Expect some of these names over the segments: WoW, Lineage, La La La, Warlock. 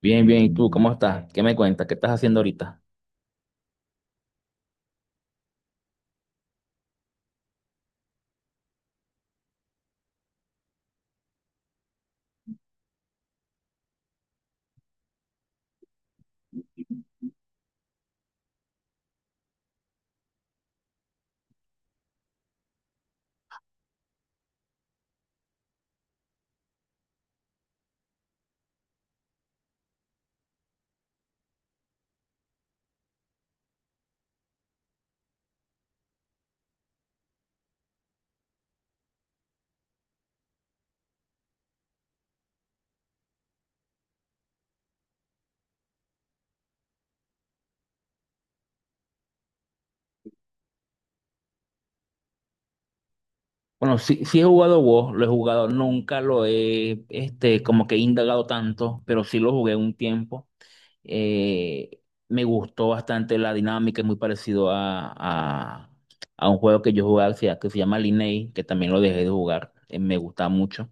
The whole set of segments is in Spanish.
Bien, bien. ¿Y tú cómo estás? ¿Qué me cuentas? ¿Qué estás haciendo ahorita? Bueno, sí, sí he jugado WoW, lo he jugado, nunca lo he, como que he indagado tanto, pero sí lo jugué un tiempo. Eh, Me gustó bastante la dinámica, es muy parecido a un juego que yo jugaba que se llama Lineage, que también lo dejé de jugar, me gusta mucho.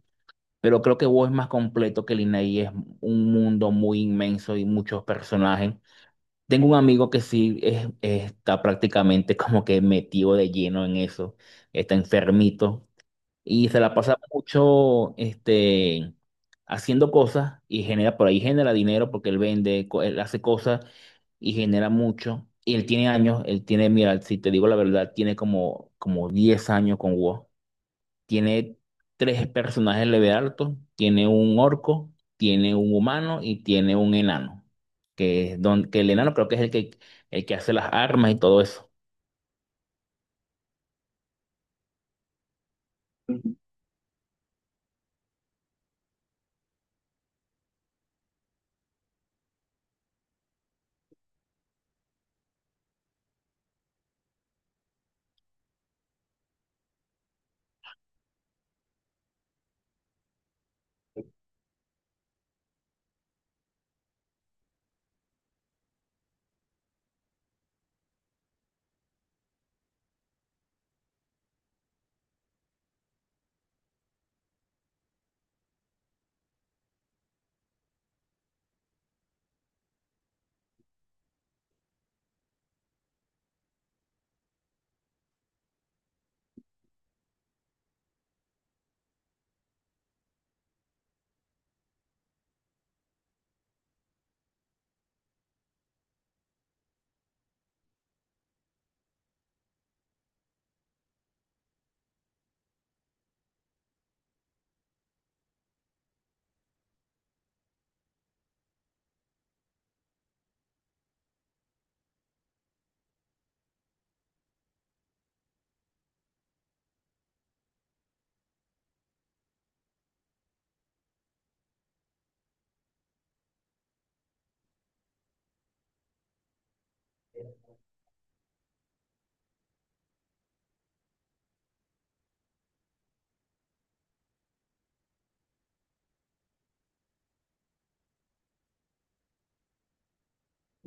Pero creo que WoW es más completo que Lineage, es un mundo muy inmenso y muchos personajes. Tengo un amigo que está prácticamente como que metido de lleno en eso, está enfermito y se la pasa mucho haciendo cosas y genera, por ahí genera dinero porque él vende, él hace cosas y genera mucho. Y él tiene años, él tiene, mira, si te digo la verdad, tiene como 10 años con WoW, tiene tres personajes leve altos, tiene un orco, tiene un humano y tiene un enano, que es don, que el enano creo que es el que hace las armas y todo eso.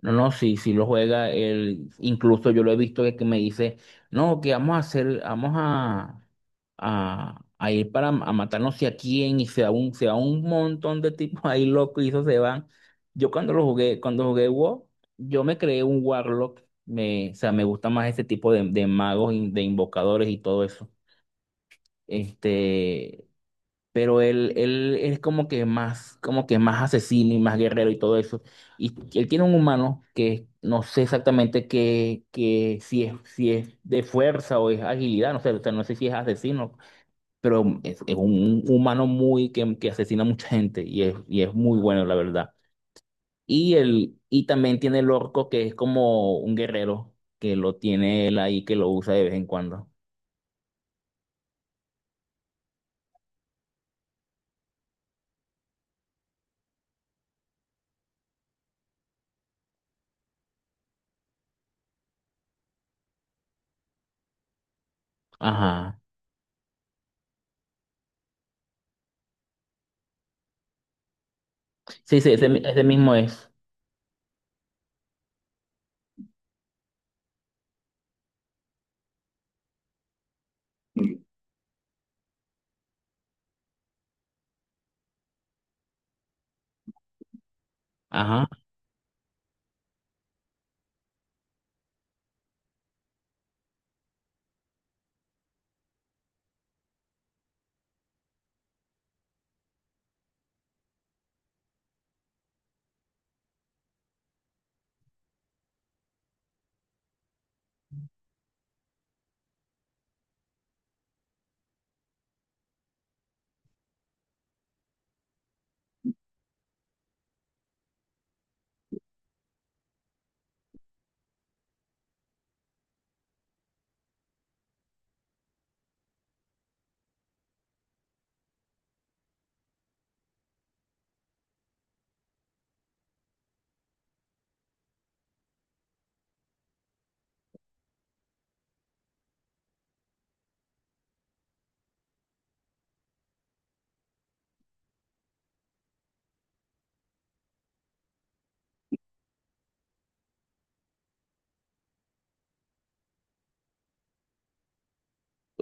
No, no, sí, sí lo juega. Él, incluso yo lo he visto que me dice, no, que vamos a hacer, vamos a ir para a matarnos sé a quién, y se da un montón de tipos ahí locos y eso se van. Yo cuando lo jugué, cuando jugué WoW, yo me creé un Warlock. O sea, me gusta más ese tipo de magos, de invocadores y todo eso. Este, pero él es como que más asesino y más guerrero y todo eso. Y él tiene un humano que no sé exactamente qué, si es de fuerza o es agilidad, no sé, o sea, no sé si es asesino, pero es un humano muy que asesina a mucha gente y es muy bueno, la verdad. Y también tiene el orco que es como un guerrero, que lo tiene él ahí, que lo usa de vez en cuando. Ajá. Sí, sí, ese mismo es. Ajá.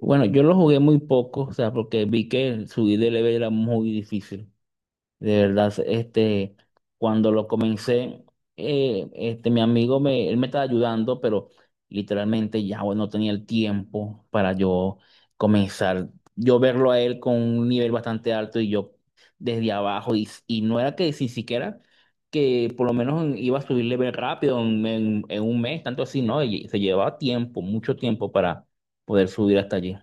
Bueno, yo lo jugué muy poco, o sea, porque vi que subir de level era muy difícil. De verdad, cuando lo comencé, mi amigo él me estaba ayudando, pero literalmente ya bueno, no tenía el tiempo para yo comenzar. Yo verlo a él con un nivel bastante alto y yo desde abajo, y no era que si siquiera que por lo menos iba a subir level rápido en, en un mes, tanto así, ¿no? Y se llevaba tiempo, mucho tiempo para poder subir hasta allí.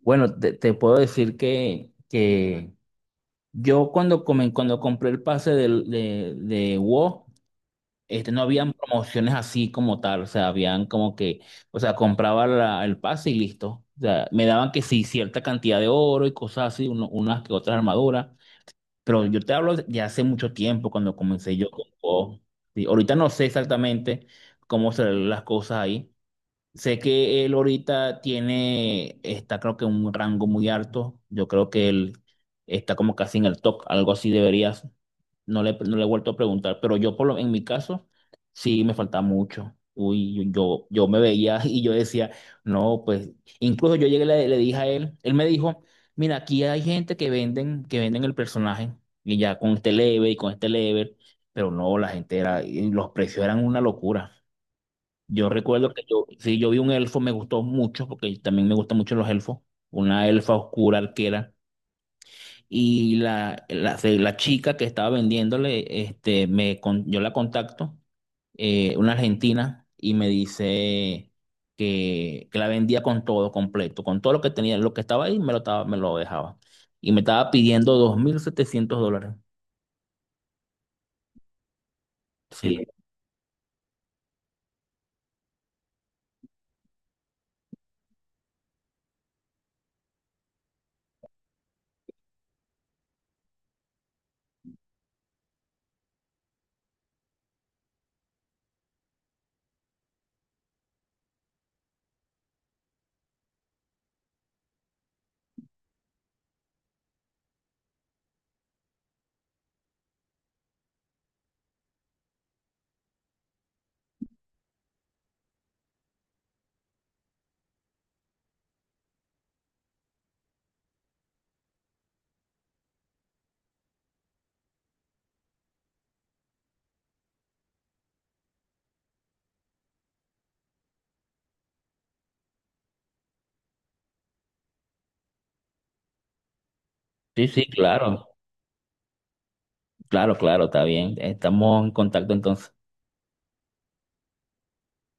Bueno, te puedo decir que yo cuando compré el pase de WoW, no habían promociones así como tal, o sea, habían como que, o sea, compraba el pase y listo. O sea, me daban que sí, cierta cantidad de oro y cosas así, unas que otras armaduras, pero yo te hablo de hace mucho tiempo cuando comencé yo con WoW. Sí, ahorita no sé exactamente cómo serán las cosas ahí. Sé que él ahorita está creo que en un rango muy alto. Yo creo que él está como casi en el top, algo así deberías. No le he vuelto a preguntar, pero yo en mi caso sí me faltaba mucho. Uy, yo me veía y yo decía, no, pues incluso yo llegué y le dije a él, él me dijo, mira, aquí hay gente que venden, el personaje y ya con este level y con este level, pero no, la gente era, y los precios eran una locura. Yo recuerdo que yo, sí, yo vi un elfo, me gustó mucho, porque también me gustan mucho los elfos, una elfa oscura arquera. Y la chica que estaba vendiéndole, yo la contacto, una argentina, y me dice que la vendía con todo completo, con todo lo que tenía, lo que estaba ahí, me lo dejaba. Y me estaba pidiendo $2.700. Sí, sí, sí, claro, claro, claro, está bien. Estamos en contacto entonces.